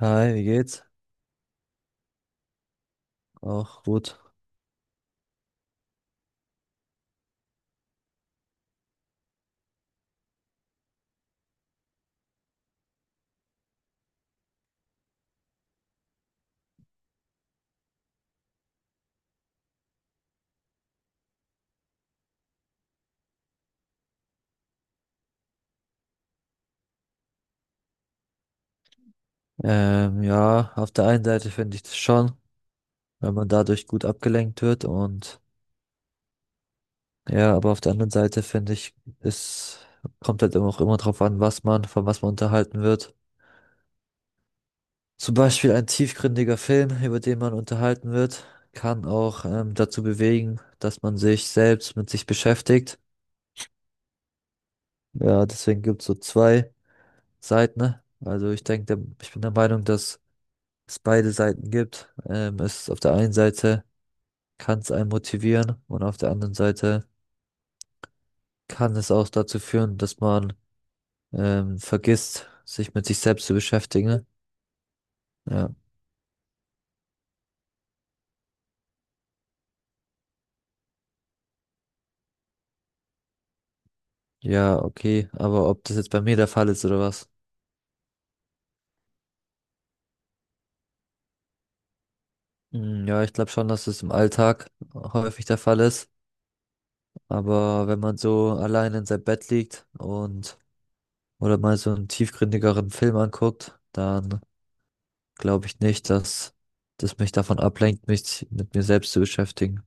Hi, wie geht's? Auch gut. Ja, auf der einen Seite finde ich das schon, wenn man dadurch gut abgelenkt wird, und ja, aber auf der anderen Seite finde ich, es kommt halt immer auch immer drauf an, was man, von was man unterhalten wird. Zum Beispiel ein tiefgründiger Film, über den man unterhalten wird, kann auch dazu bewegen, dass man sich selbst mit sich beschäftigt. Ja, deswegen gibt's so zwei Seiten, ne? Also ich denke, ich bin der Meinung, dass es beide Seiten gibt. Es ist, auf der einen Seite kann es einen motivieren, und auf der anderen Seite kann es auch dazu führen, dass man vergisst, sich mit sich selbst zu beschäftigen. Ja, ja, okay, aber ob das jetzt bei mir der Fall ist oder was? Hm, ja, ich glaube schon, dass es im Alltag häufig der Fall ist, aber wenn man so allein in seinem Bett liegt und oder mal so einen tiefgründigeren Film anguckt, dann glaube ich nicht, dass das mich davon ablenkt, mich mit mir selbst zu beschäftigen.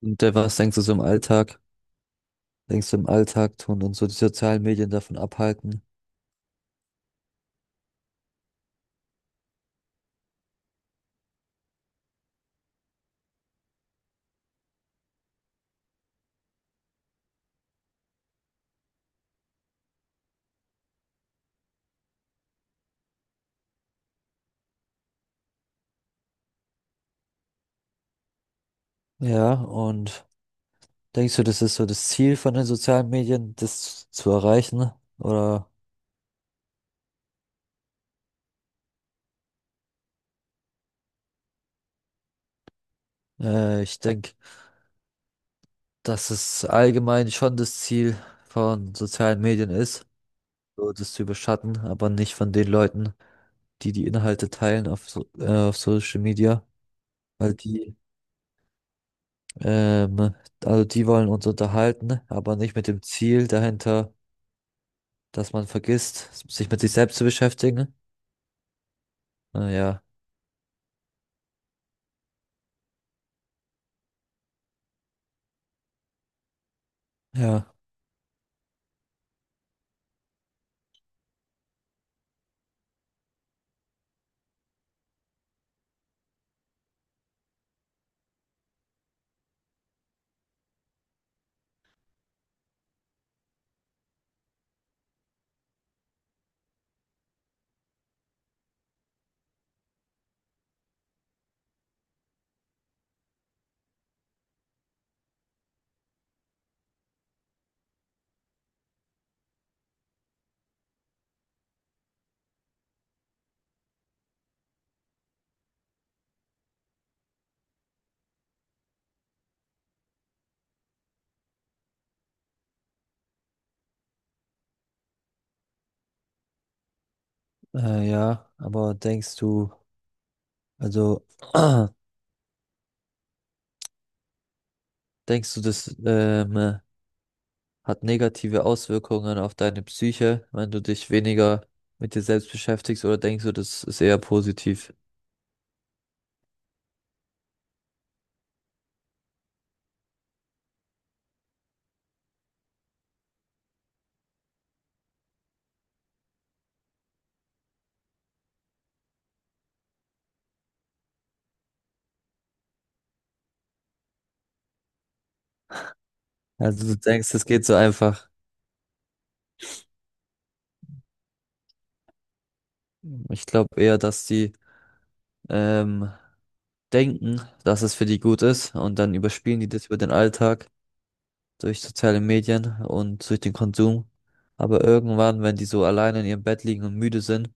Und was denkst du so im Alltag? Denkst du, im Alltag tun und so die sozialen Medien davon abhalten? Ja, und denkst du, das ist so das Ziel von den sozialen Medien, das zu erreichen? Oder ich denke, dass es allgemein schon das Ziel von sozialen Medien ist, so das zu überschatten, aber nicht von den Leuten, die die Inhalte teilen auf, so, auf Social Media, weil die, ähm, also die wollen uns unterhalten, aber nicht mit dem Ziel dahinter, dass man vergisst, sich mit sich selbst zu beschäftigen. Naja. Ja, ja, aber denkst du, also denkst du, das hat negative Auswirkungen auf deine Psyche, wenn du dich weniger mit dir selbst beschäftigst, oder denkst du, das ist eher positiv? Also du denkst, das geht so einfach. Ich glaube eher, dass die ähm, denken, dass es für die gut ist, und dann überspielen die das über den Alltag, durch soziale Medien und durch den Konsum. Aber irgendwann, wenn die so alleine in ihrem Bett liegen und müde sind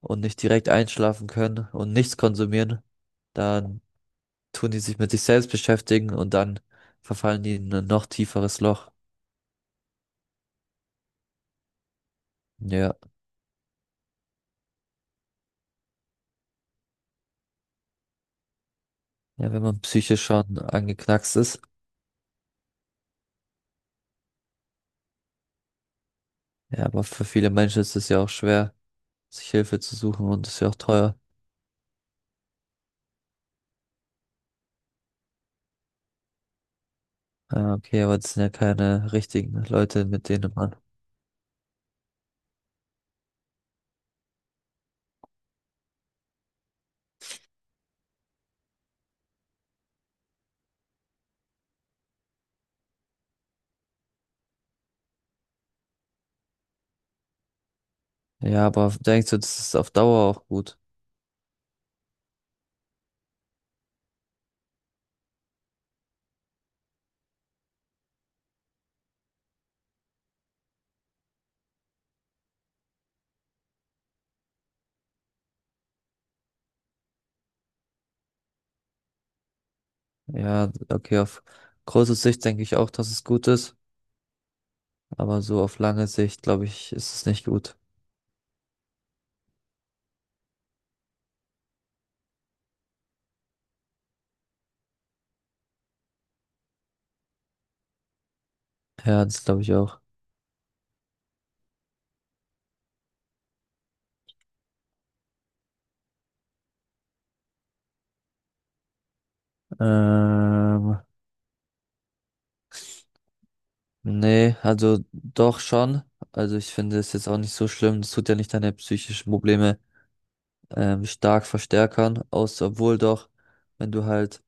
und nicht direkt einschlafen können und nichts konsumieren, dann tun die sich mit sich selbst beschäftigen, und dann verfallen die in ein noch tieferes Loch. Ja, ja, wenn man psychisch schon angeknackst ist. Ja, aber für viele Menschen ist es ja auch schwer, sich Hilfe zu suchen, und ist ja auch teuer. Ah, okay, aber das sind ja keine richtigen Leute, mit denen man. Ja, aber denkst du, das ist auf Dauer auch gut? Ja, okay, auf große Sicht denke ich auch, dass es gut ist, aber so auf lange Sicht, glaube ich, ist es nicht gut. Ja, das glaube ich auch. Ähm, Nee, also doch schon. Also ich finde es jetzt auch nicht so schlimm. Das tut ja nicht deine psychischen Probleme stark verstärkern, außer obwohl doch, wenn du halt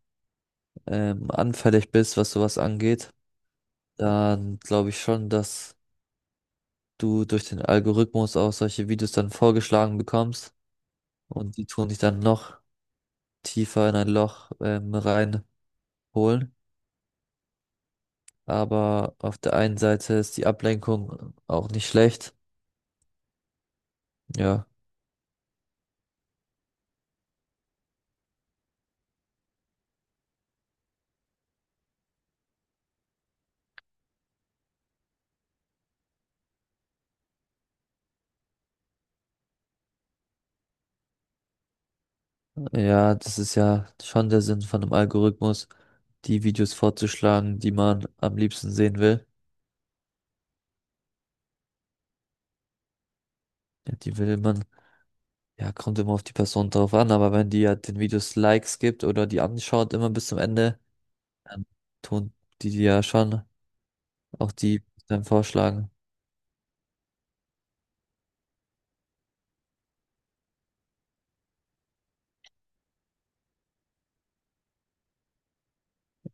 anfällig bist, was sowas angeht, dann glaube ich schon, dass du durch den Algorithmus auch solche Videos dann vorgeschlagen bekommst, und die tun dich dann noch tiefer in ein Loch reinholen. Aber auf der einen Seite ist die Ablenkung auch nicht schlecht. Ja, ja, das ist ja schon der Sinn von einem Algorithmus, die Videos vorzuschlagen, die man am liebsten sehen will. Ja, die will man, ja, kommt immer auf die Person drauf an, aber wenn die ja den Videos Likes gibt oder die anschaut immer bis zum Ende, dann tun die dir ja schon auch die dann vorschlagen.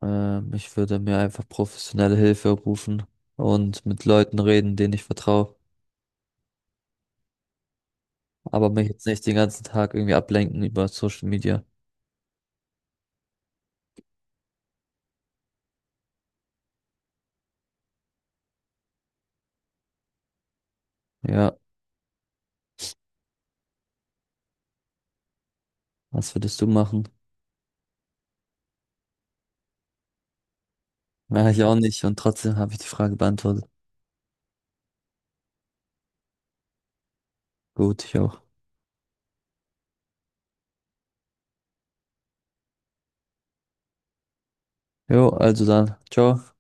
Ich würde mir einfach professionelle Hilfe rufen und mit Leuten reden, denen ich vertraue. Aber mich jetzt nicht den ganzen Tag irgendwie ablenken über Social Media. Ja, was würdest du machen? Ja, ich auch nicht. Und trotzdem habe ich die Frage beantwortet. Gut, ich auch. Jo, also dann. Ciao.